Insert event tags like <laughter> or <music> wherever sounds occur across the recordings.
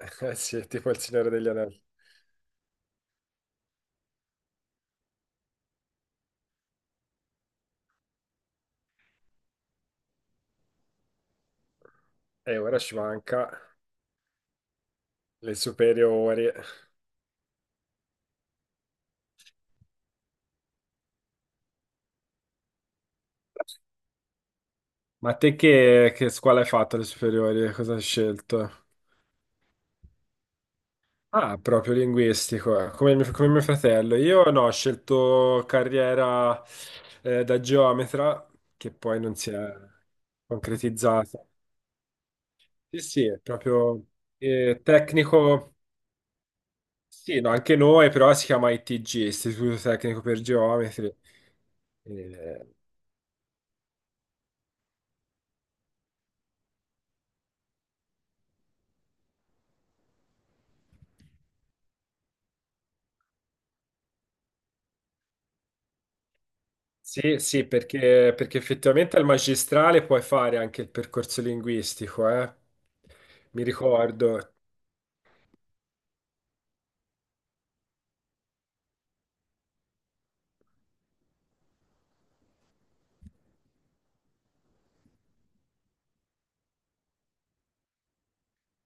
<laughs> Eh sì, tipo il Signore degli Anelli. E ora ci manca le superiori. Ma te che scuola hai fatto alle superiori? Cosa hai scelto? Ah, proprio linguistico, eh. Come mio fratello. Io no, ho scelto carriera da geometra, che poi non si è concretizzata. Sì, sì, è proprio tecnico. Sì, no, anche noi, però si chiama ITG, Istituto Tecnico per Geometri. Eh, Sì, sì, perché effettivamente al magistrale puoi fare anche il percorso linguistico, eh? Mi ricordo.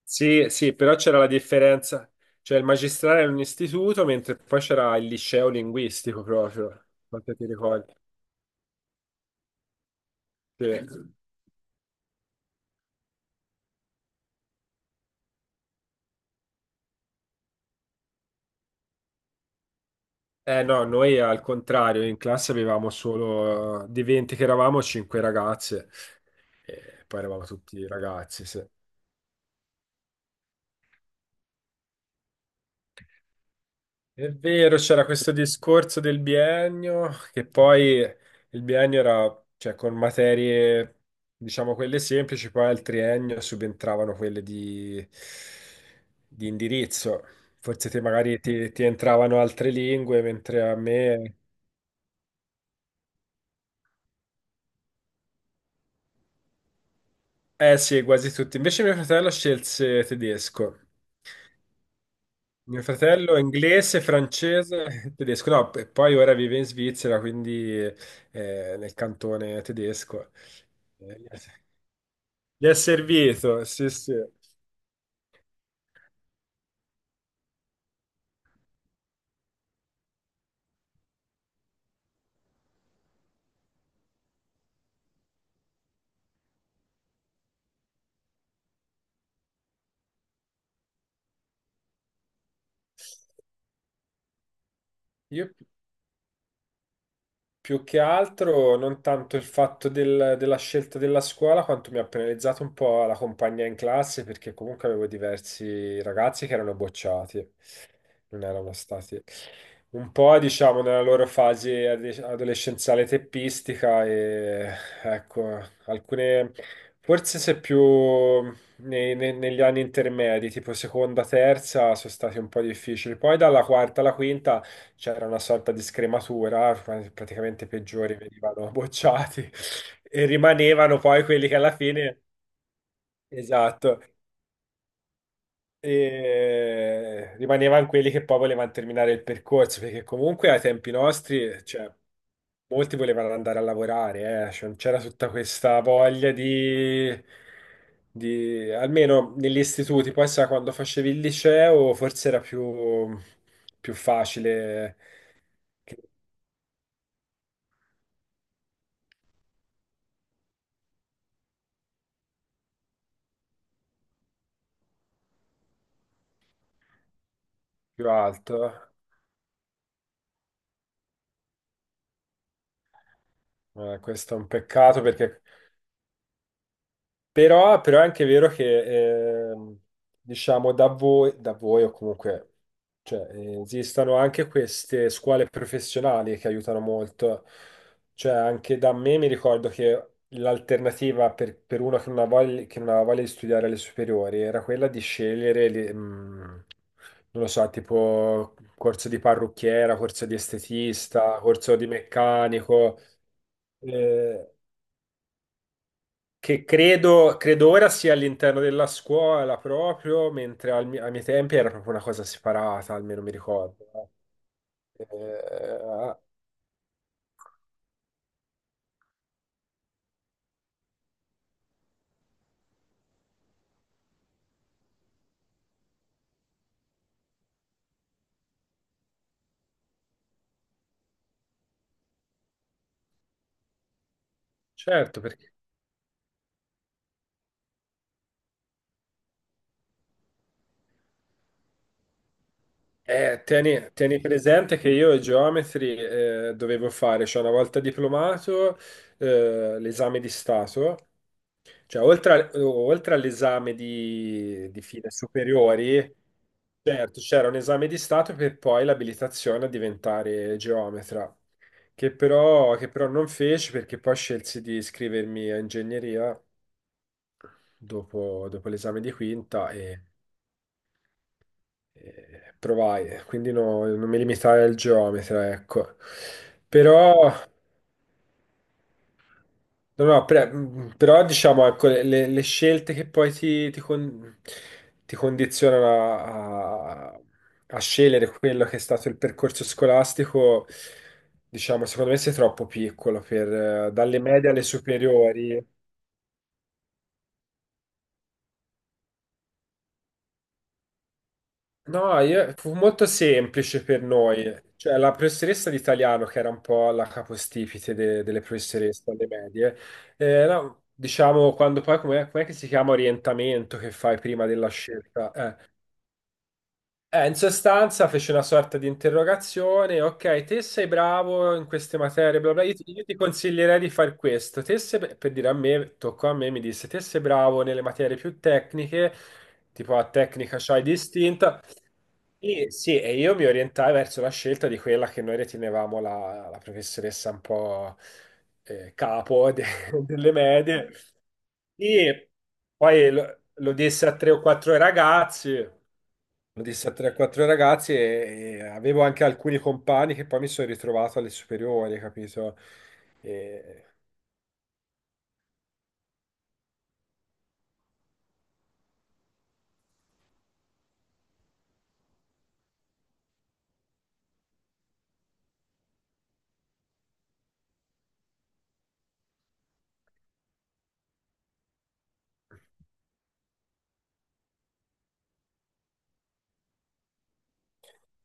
Sì, sì, però c'era la differenza, cioè il magistrale era un istituto, mentre poi c'era il liceo linguistico proprio, quanto ti ricordi? Sì. Eh no, noi al contrario, in classe avevamo solo, di 20 che eravamo, 5 ragazze, e poi eravamo tutti ragazzi, sì. È vero, c'era questo discorso del biennio, che poi il biennio era, cioè, con materie, diciamo, quelle semplici, poi al triennio subentravano quelle di indirizzo. Forse te magari ti entravano altre lingue, mentre a me. Eh sì, quasi tutti. Invece mio fratello scelse tedesco. Mio fratello è inglese, francese, <laughs> tedesco, no, e poi ora vive in Svizzera, quindi nel cantone tedesco. Eh, gli è gli è servito, sì, sì. Io Più che altro non tanto il fatto della scelta della scuola, quanto mi ha penalizzato un po' la compagnia in classe, perché comunque avevo diversi ragazzi che erano bocciati, non erano stati un po', diciamo, nella loro fase adolescenziale teppistica e ecco, alcune, forse se più negli anni intermedi, tipo seconda, terza, sono stati un po' difficili. Poi dalla quarta alla quinta c'era una sorta di scrematura, praticamente i peggiori venivano bocciati <laughs> e rimanevano poi quelli che alla fine, esatto, e rimanevano quelli che poi volevano terminare il percorso, perché comunque ai tempi nostri, cioè, molti volevano andare a lavorare, cioè, non c'era tutta questa voglia di. Almeno negli istituti, poi sai, quando facevi il liceo forse era più facile che più alto. Questo è un peccato perché però è anche vero che diciamo da voi o comunque cioè, esistono anche queste scuole professionali che aiutano molto. Cioè, anche da me mi ricordo che l'alternativa per uno che non ha voglia, che non aveva voglia di studiare alle superiori era quella di scegliere, non lo so, tipo corso di parrucchiera, corso di estetista, corso di meccanico. Eh, che credo ora sia all'interno della scuola proprio, mentre ai miei tempi era proprio una cosa separata, almeno mi ricordo. Eh, certo, perché tieni presente che io geometri dovevo fare, cioè una volta diplomato, l'esame di Stato. Cioè, oltre all'esame di fine superiori, certo, c'era un esame di Stato per poi l'abilitazione a diventare geometra. Che però non feci perché poi scelsi di iscrivermi a ingegneria dopo l'esame di quinta e provai, quindi non mi limitai al geometra, ecco. Però, no, no, però diciamo, ecco, le scelte che poi ti condizionano a scegliere quello che è stato il percorso scolastico, diciamo, secondo me sei troppo piccolo per, dalle medie alle superiori. No, fu molto semplice per noi, cioè la professoressa di italiano, che era un po' la capostipite delle professoresse alle medie, no, diciamo quando poi, com'è che si chiama orientamento che fai prima della scelta? In sostanza fece una sorta di interrogazione, ok, te sei bravo in queste materie, bla bla, io ti consiglierei di fare questo, per dire a me, toccò a me, mi disse, te sei bravo nelle materie più tecniche, tipo la tecnica c'hai distinta, e, sì, e io mi orientai verso la scelta di quella che noi ritenevamo la professoressa un po' capo <laughs> delle medie, e poi lo disse a tre o quattro ragazzi, disse a 4 ragazzi e avevo anche alcuni compagni che poi mi sono ritrovato alle superiori, capito? E-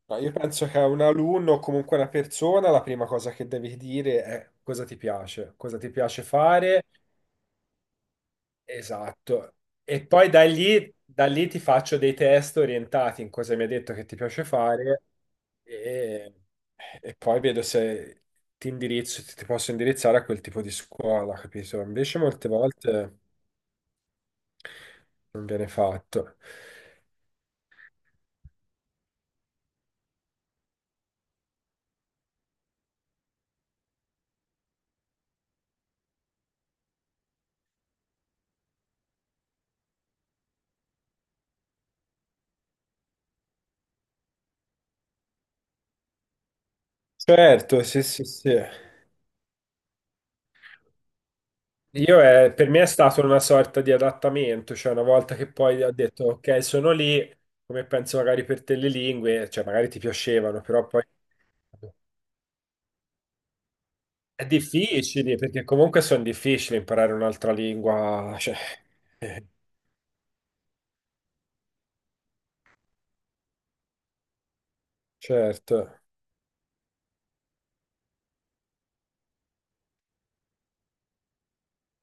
ma io penso che a un alunno o comunque a una persona la prima cosa che devi dire è cosa ti piace fare, esatto. E poi da lì ti faccio dei test orientati in cosa mi hai detto che ti piace fare e, e poi vedo se ti indirizzo, ti ti posso indirizzare a quel tipo di scuola, capito? Invece molte volte. Non viene fatto. Certo, sì, sì, sì. Per me è stato una sorta di adattamento, cioè una volta che poi ho detto ok, sono lì, come penso magari per te le lingue, cioè magari ti piacevano, però poi è difficile, perché comunque sono difficili imparare un'altra lingua, cioè, <laughs> eh, certo.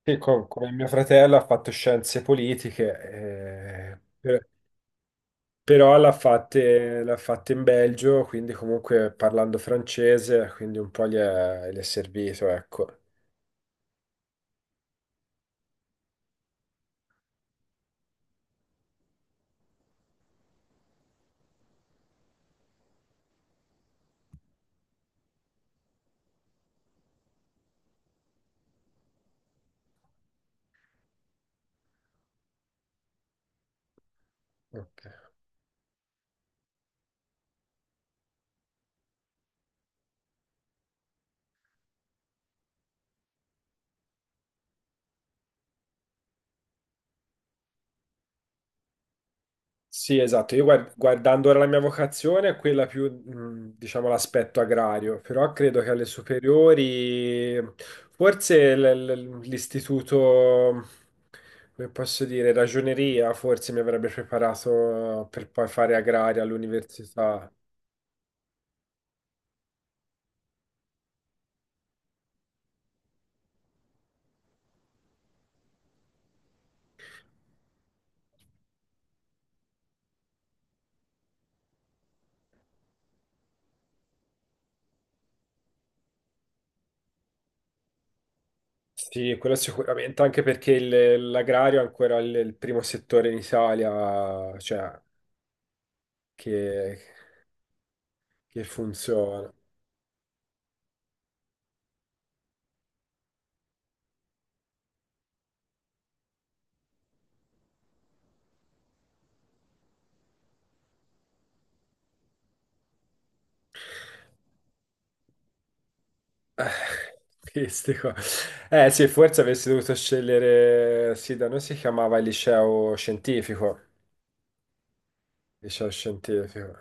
Sì, come mio fratello ha fatto scienze politiche, però l'ha fatte in Belgio, quindi comunque parlando francese, quindi un po' gli è servito, ecco. Ok. Sì, esatto. Io guardando ora la mia vocazione è quella più, diciamo, l'aspetto agrario, però credo che alle superiori, forse l'istituto, come posso dire, ragioneria, forse mi avrebbe preparato per poi fare agraria all'università. Sì, quello sicuramente, anche perché l'agrario è ancora il primo settore in Italia, cioè, che, che funziona. <laughs> Queste qua. Eh sì, forse avessi dovuto scegliere, sì, da noi si chiamava il liceo scientifico, liceo scientifico.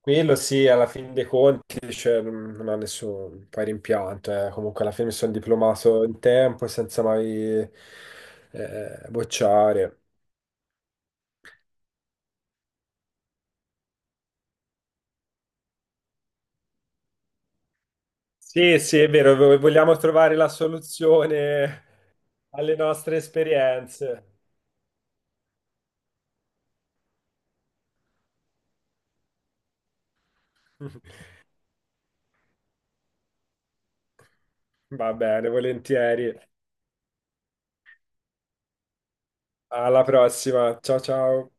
Quello sì, alla fine dei conti, cioè, non ho nessun poi rimpianto, eh. Comunque alla fine mi sono diplomato in tempo senza mai bocciare. Sì, sì, è vero, vogliamo trovare la soluzione alle nostre esperienze. <laughs> Va bene, volentieri. Alla prossima. Ciao ciao.